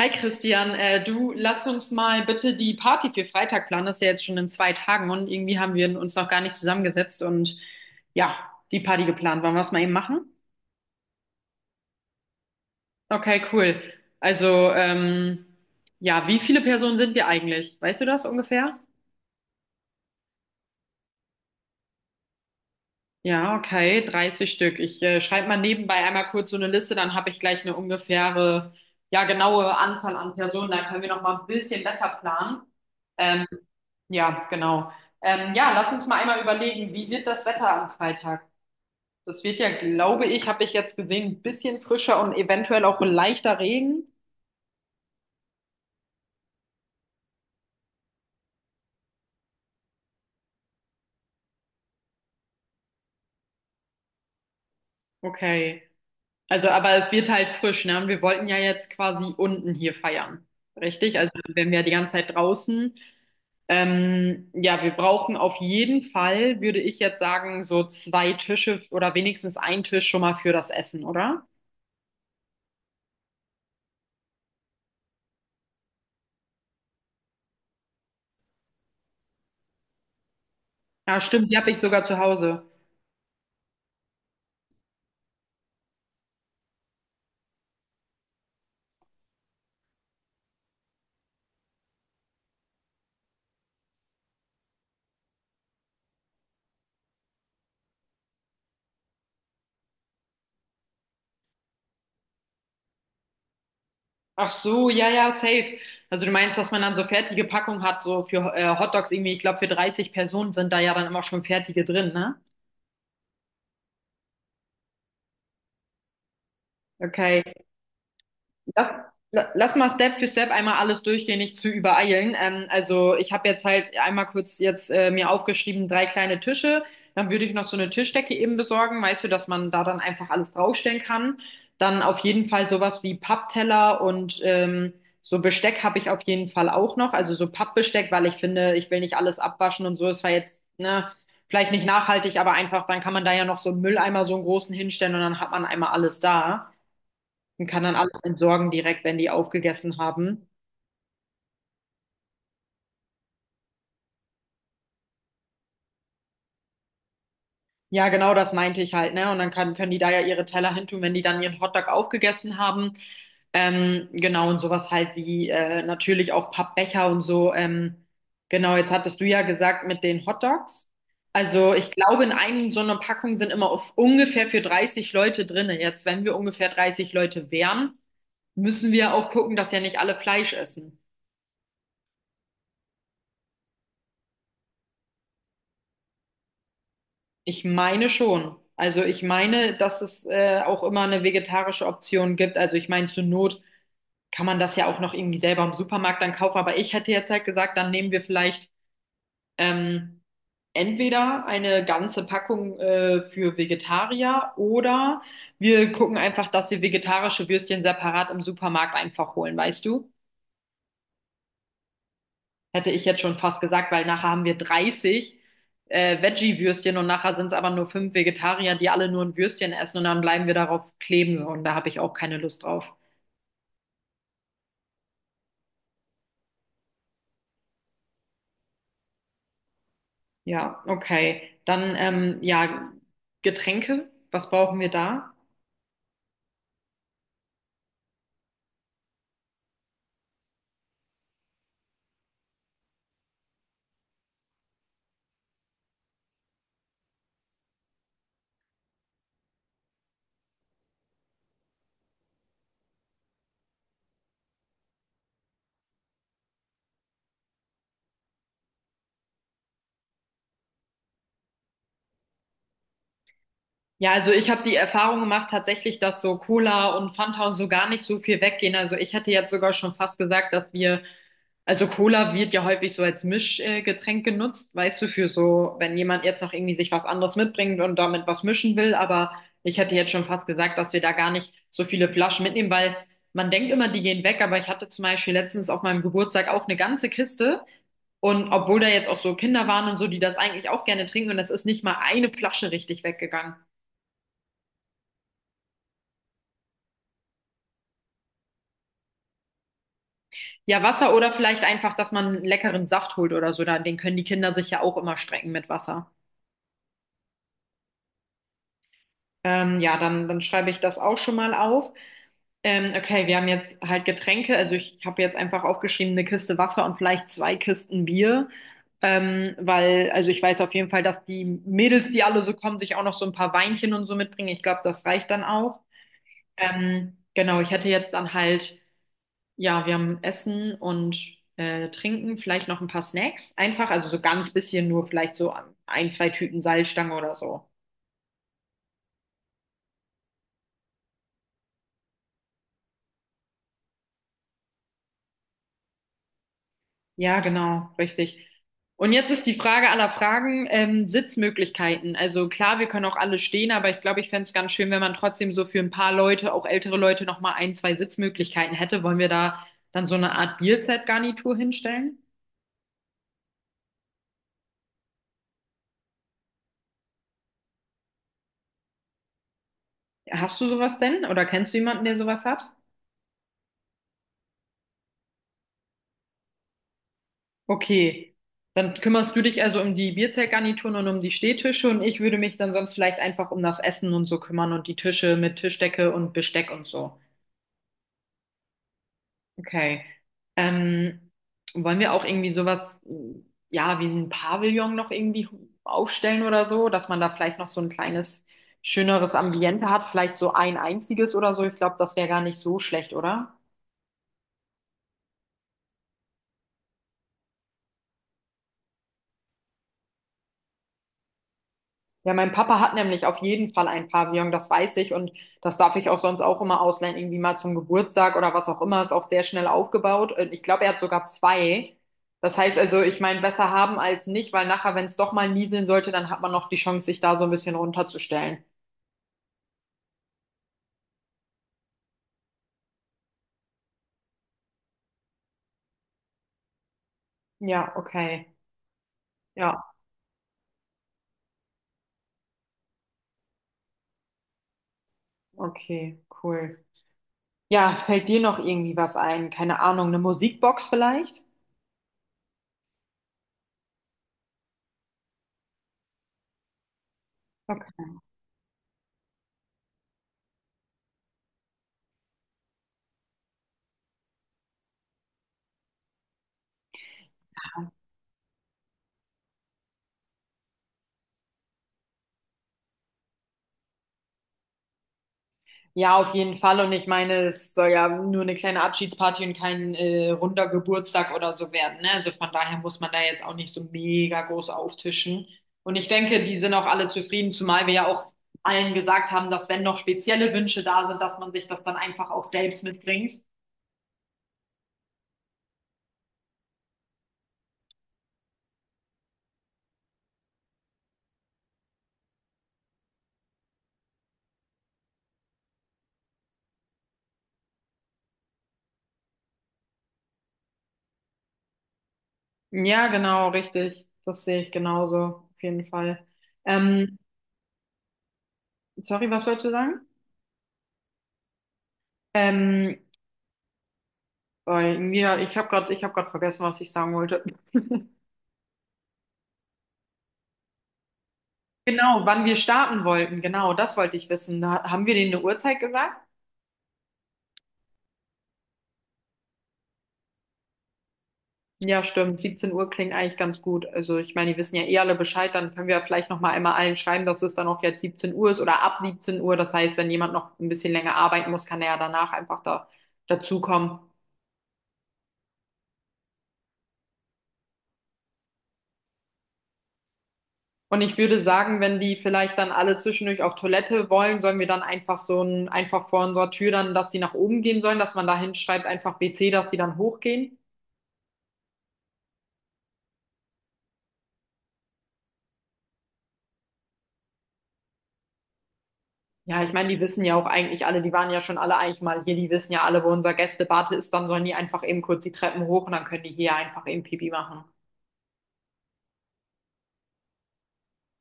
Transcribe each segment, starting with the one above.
Hi Christian, du, lass uns mal bitte die Party für Freitag planen. Das ist ja jetzt schon in zwei Tagen und irgendwie haben wir uns noch gar nicht zusammengesetzt und ja, die Party geplant. Wollen wir es mal eben machen? Okay, cool. Also, ja, wie viele Personen sind wir eigentlich? Weißt du das ungefähr? Ja, okay, 30 Stück. Ich schreibe mal nebenbei einmal kurz so eine Liste, dann habe ich gleich eine ungefähre, ja, genaue Anzahl an Personen. Dann können wir noch mal ein bisschen besser planen. Ähm, ja, genau. Ja, lass uns mal einmal überlegen, wie wird das Wetter am Freitag? Das wird, ja, glaube ich, habe ich jetzt gesehen, ein bisschen frischer und eventuell auch leichter Regen. Okay. Also, aber es wird halt frisch, ne? Und wir wollten ja jetzt quasi unten hier feiern. Richtig? Also, wenn wir die ganze Zeit draußen. Ja, wir brauchen auf jeden Fall, würde ich jetzt sagen, so zwei Tische oder wenigstens einen Tisch schon mal für das Essen, oder? Ja, stimmt, die habe ich sogar zu Hause. Ach so, ja, ja, safe. Also du meinst, dass man dann so fertige Packung hat, so für Hotdogs irgendwie, ich glaube, für 30 Personen sind da ja dann immer schon fertige drin, ne? Okay. Lass, lass mal Step für Step einmal alles durchgehen, nicht zu übereilen. Also ich habe jetzt halt einmal kurz jetzt mir aufgeschrieben, drei kleine Tische. Dann würde ich noch so eine Tischdecke eben besorgen, weißt du, dass man da dann einfach alles draufstellen kann. Dann auf jeden Fall sowas wie Pappteller und so Besteck habe ich auf jeden Fall auch noch. Also so Pappbesteck, weil ich finde, ich will nicht alles abwaschen und so. Es war jetzt, ne, vielleicht nicht nachhaltig, aber einfach, dann kann man da ja noch so einen Mülleimer, so einen großen, hinstellen und dann hat man einmal alles da und kann dann alles entsorgen direkt, wenn die aufgegessen haben. Ja, genau das meinte ich halt, ne? Und dann kann, können die da ja ihre Teller hintun, wenn die dann ihren Hotdog aufgegessen haben. Genau, und sowas halt wie natürlich auch Pappbecher und so. Genau, jetzt hattest du ja gesagt mit den Hotdogs. Also ich glaube, in einem so einer Packung sind immer auf ungefähr für 30 Leute drinne. Jetzt, wenn wir ungefähr 30 Leute wären, müssen wir auch gucken, dass ja nicht alle Fleisch essen. Ich meine schon. Also ich meine, dass es auch immer eine vegetarische Option gibt. Also ich meine, zur Not kann man das ja auch noch irgendwie selber im Supermarkt dann kaufen. Aber ich hätte jetzt halt gesagt, dann nehmen wir vielleicht ähm, entweder eine ganze Packung für Vegetarier oder wir gucken einfach, dass wir vegetarische Würstchen separat im Supermarkt einfach holen, weißt du? Hätte ich jetzt schon fast gesagt, weil nachher haben wir 30 Veggie-Würstchen und nachher sind es aber nur 5 Vegetarier, die alle nur ein Würstchen essen und dann bleiben wir darauf kleben so, und da habe ich auch keine Lust drauf. Ja, okay. Dann, ja, Getränke, was brauchen wir da? Ja, also ich habe die Erfahrung gemacht tatsächlich, dass so Cola und Fanta und so gar nicht so viel weggehen. Also ich hätte jetzt sogar schon fast gesagt, dass wir. Also Cola wird ja häufig so als Mischgetränk genutzt, weißt du, für so, wenn jemand jetzt noch irgendwie sich was anderes mitbringt und damit was mischen will. Aber ich hätte jetzt schon fast gesagt, dass wir da gar nicht so viele Flaschen mitnehmen, weil man denkt immer, die gehen weg. Aber ich hatte zum Beispiel letztens auf meinem Geburtstag auch eine ganze Kiste. Und obwohl da jetzt auch so Kinder waren und so, die das eigentlich auch gerne trinken, und es ist nicht mal eine Flasche richtig weggegangen. Ja, Wasser oder vielleicht einfach, dass man einen leckeren Saft holt oder so, da, den können die Kinder sich ja auch immer strecken mit Wasser. Ja, dann, dann schreibe ich das auch schon mal auf. Okay, wir haben jetzt halt Getränke. Also ich habe jetzt einfach aufgeschrieben, eine Kiste Wasser und vielleicht zwei Kisten Bier. Weil, also ich weiß auf jeden Fall, dass die Mädels, die alle so kommen, sich auch noch so ein paar Weinchen und so mitbringen. Ich glaube, das reicht dann auch. Genau, ich hätte jetzt dann halt, ja, wir haben Essen und Trinken, vielleicht noch ein paar Snacks. Einfach, also so ganz bisschen nur vielleicht so ein, zwei Tüten Salzstangen oder so. Ja, genau, richtig. Und jetzt ist die Frage aller Fragen, Sitzmöglichkeiten. Also klar, wir können auch alle stehen, aber ich glaube, ich fände es ganz schön, wenn man trotzdem so für ein paar Leute, auch ältere Leute, nochmal ein, zwei Sitzmöglichkeiten hätte. Wollen wir da dann so eine Art Bierzeltgarnitur hinstellen? Hast du sowas denn? Oder kennst du jemanden, der sowas hat? Okay. Dann kümmerst du dich also um die Bierzeltgarnituren und um die Stehtische und ich würde mich dann sonst vielleicht einfach um das Essen und so kümmern und die Tische mit Tischdecke und Besteck und so. Okay. Ähm, wollen wir auch irgendwie sowas, mh, ja, wie ein Pavillon noch irgendwie aufstellen oder so, dass man da vielleicht noch so ein kleines, schöneres Ambiente hat, vielleicht so ein einziges oder so. Ich glaube, das wäre gar nicht so schlecht, oder? Ja, mein Papa hat nämlich auf jeden Fall ein Pavillon, das weiß ich, und das darf ich auch sonst auch immer ausleihen, irgendwie mal zum Geburtstag oder was auch immer, ist auch sehr schnell aufgebaut. Und ich glaube, er hat sogar zwei. Das heißt also, ich meine, besser haben als nicht, weil nachher, wenn es doch mal nieseln sollte, dann hat man noch die Chance, sich da so ein bisschen runterzustellen. Ja, okay. Ja, okay, cool. Ja, fällt dir noch irgendwie was ein? Keine Ahnung, eine Musikbox vielleicht? Okay. Ja, auf jeden Fall. Und ich meine, es soll ja nur eine kleine Abschiedsparty und kein runder Geburtstag oder so werden. Ne? Also von daher muss man da jetzt auch nicht so mega groß auftischen. Und ich denke, die sind auch alle zufrieden, zumal wir ja auch allen gesagt haben, dass wenn noch spezielle Wünsche da sind, dass man sich das dann einfach auch selbst mitbringt. Ja, genau, richtig. Das sehe ich genauso, auf jeden Fall. Ähm, sorry, was wolltest du sagen? Ähm, oh, ja, ich habe gerade vergessen, was ich sagen wollte. Genau, wann wir starten wollten, genau, das wollte ich wissen. Da, haben wir denen eine Uhrzeit gesagt? Ja, stimmt. 17 Uhr klingt eigentlich ganz gut. Also ich meine, die wissen ja eh alle Bescheid, dann können wir vielleicht noch mal einmal allen schreiben, dass es dann auch jetzt 17 Uhr ist oder ab 17 Uhr. Das heißt, wenn jemand noch ein bisschen länger arbeiten muss, kann er ja danach einfach da dazukommen. Und ich würde sagen, wenn die vielleicht dann alle zwischendurch auf Toilette wollen, sollen wir dann einfach so ein, einfach vor unserer Tür dann, dass die nach oben gehen sollen, dass man da hinschreibt, einfach WC, dass die dann hochgehen. Ja, ich meine, die wissen ja auch eigentlich alle, die waren ja schon alle eigentlich mal hier, die wissen ja alle, wo unser Gästebad ist, dann sollen die einfach eben kurz die Treppen hoch und dann können die hier einfach eben Pipi machen.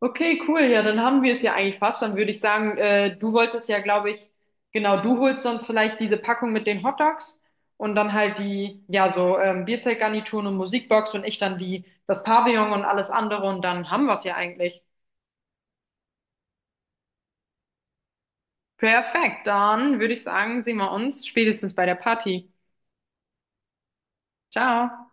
Okay, cool, ja, dann haben wir es ja eigentlich fast. Dann würde ich sagen, du wolltest ja, glaube ich, genau, du holst sonst vielleicht diese Packung mit den Hotdogs und dann halt die, ja, so Bierzeltgarnituren und Musikbox und ich dann die, das Pavillon und alles andere und dann haben wir es ja eigentlich. Perfekt, dann würde ich sagen, sehen wir uns spätestens bei der Party. Ciao.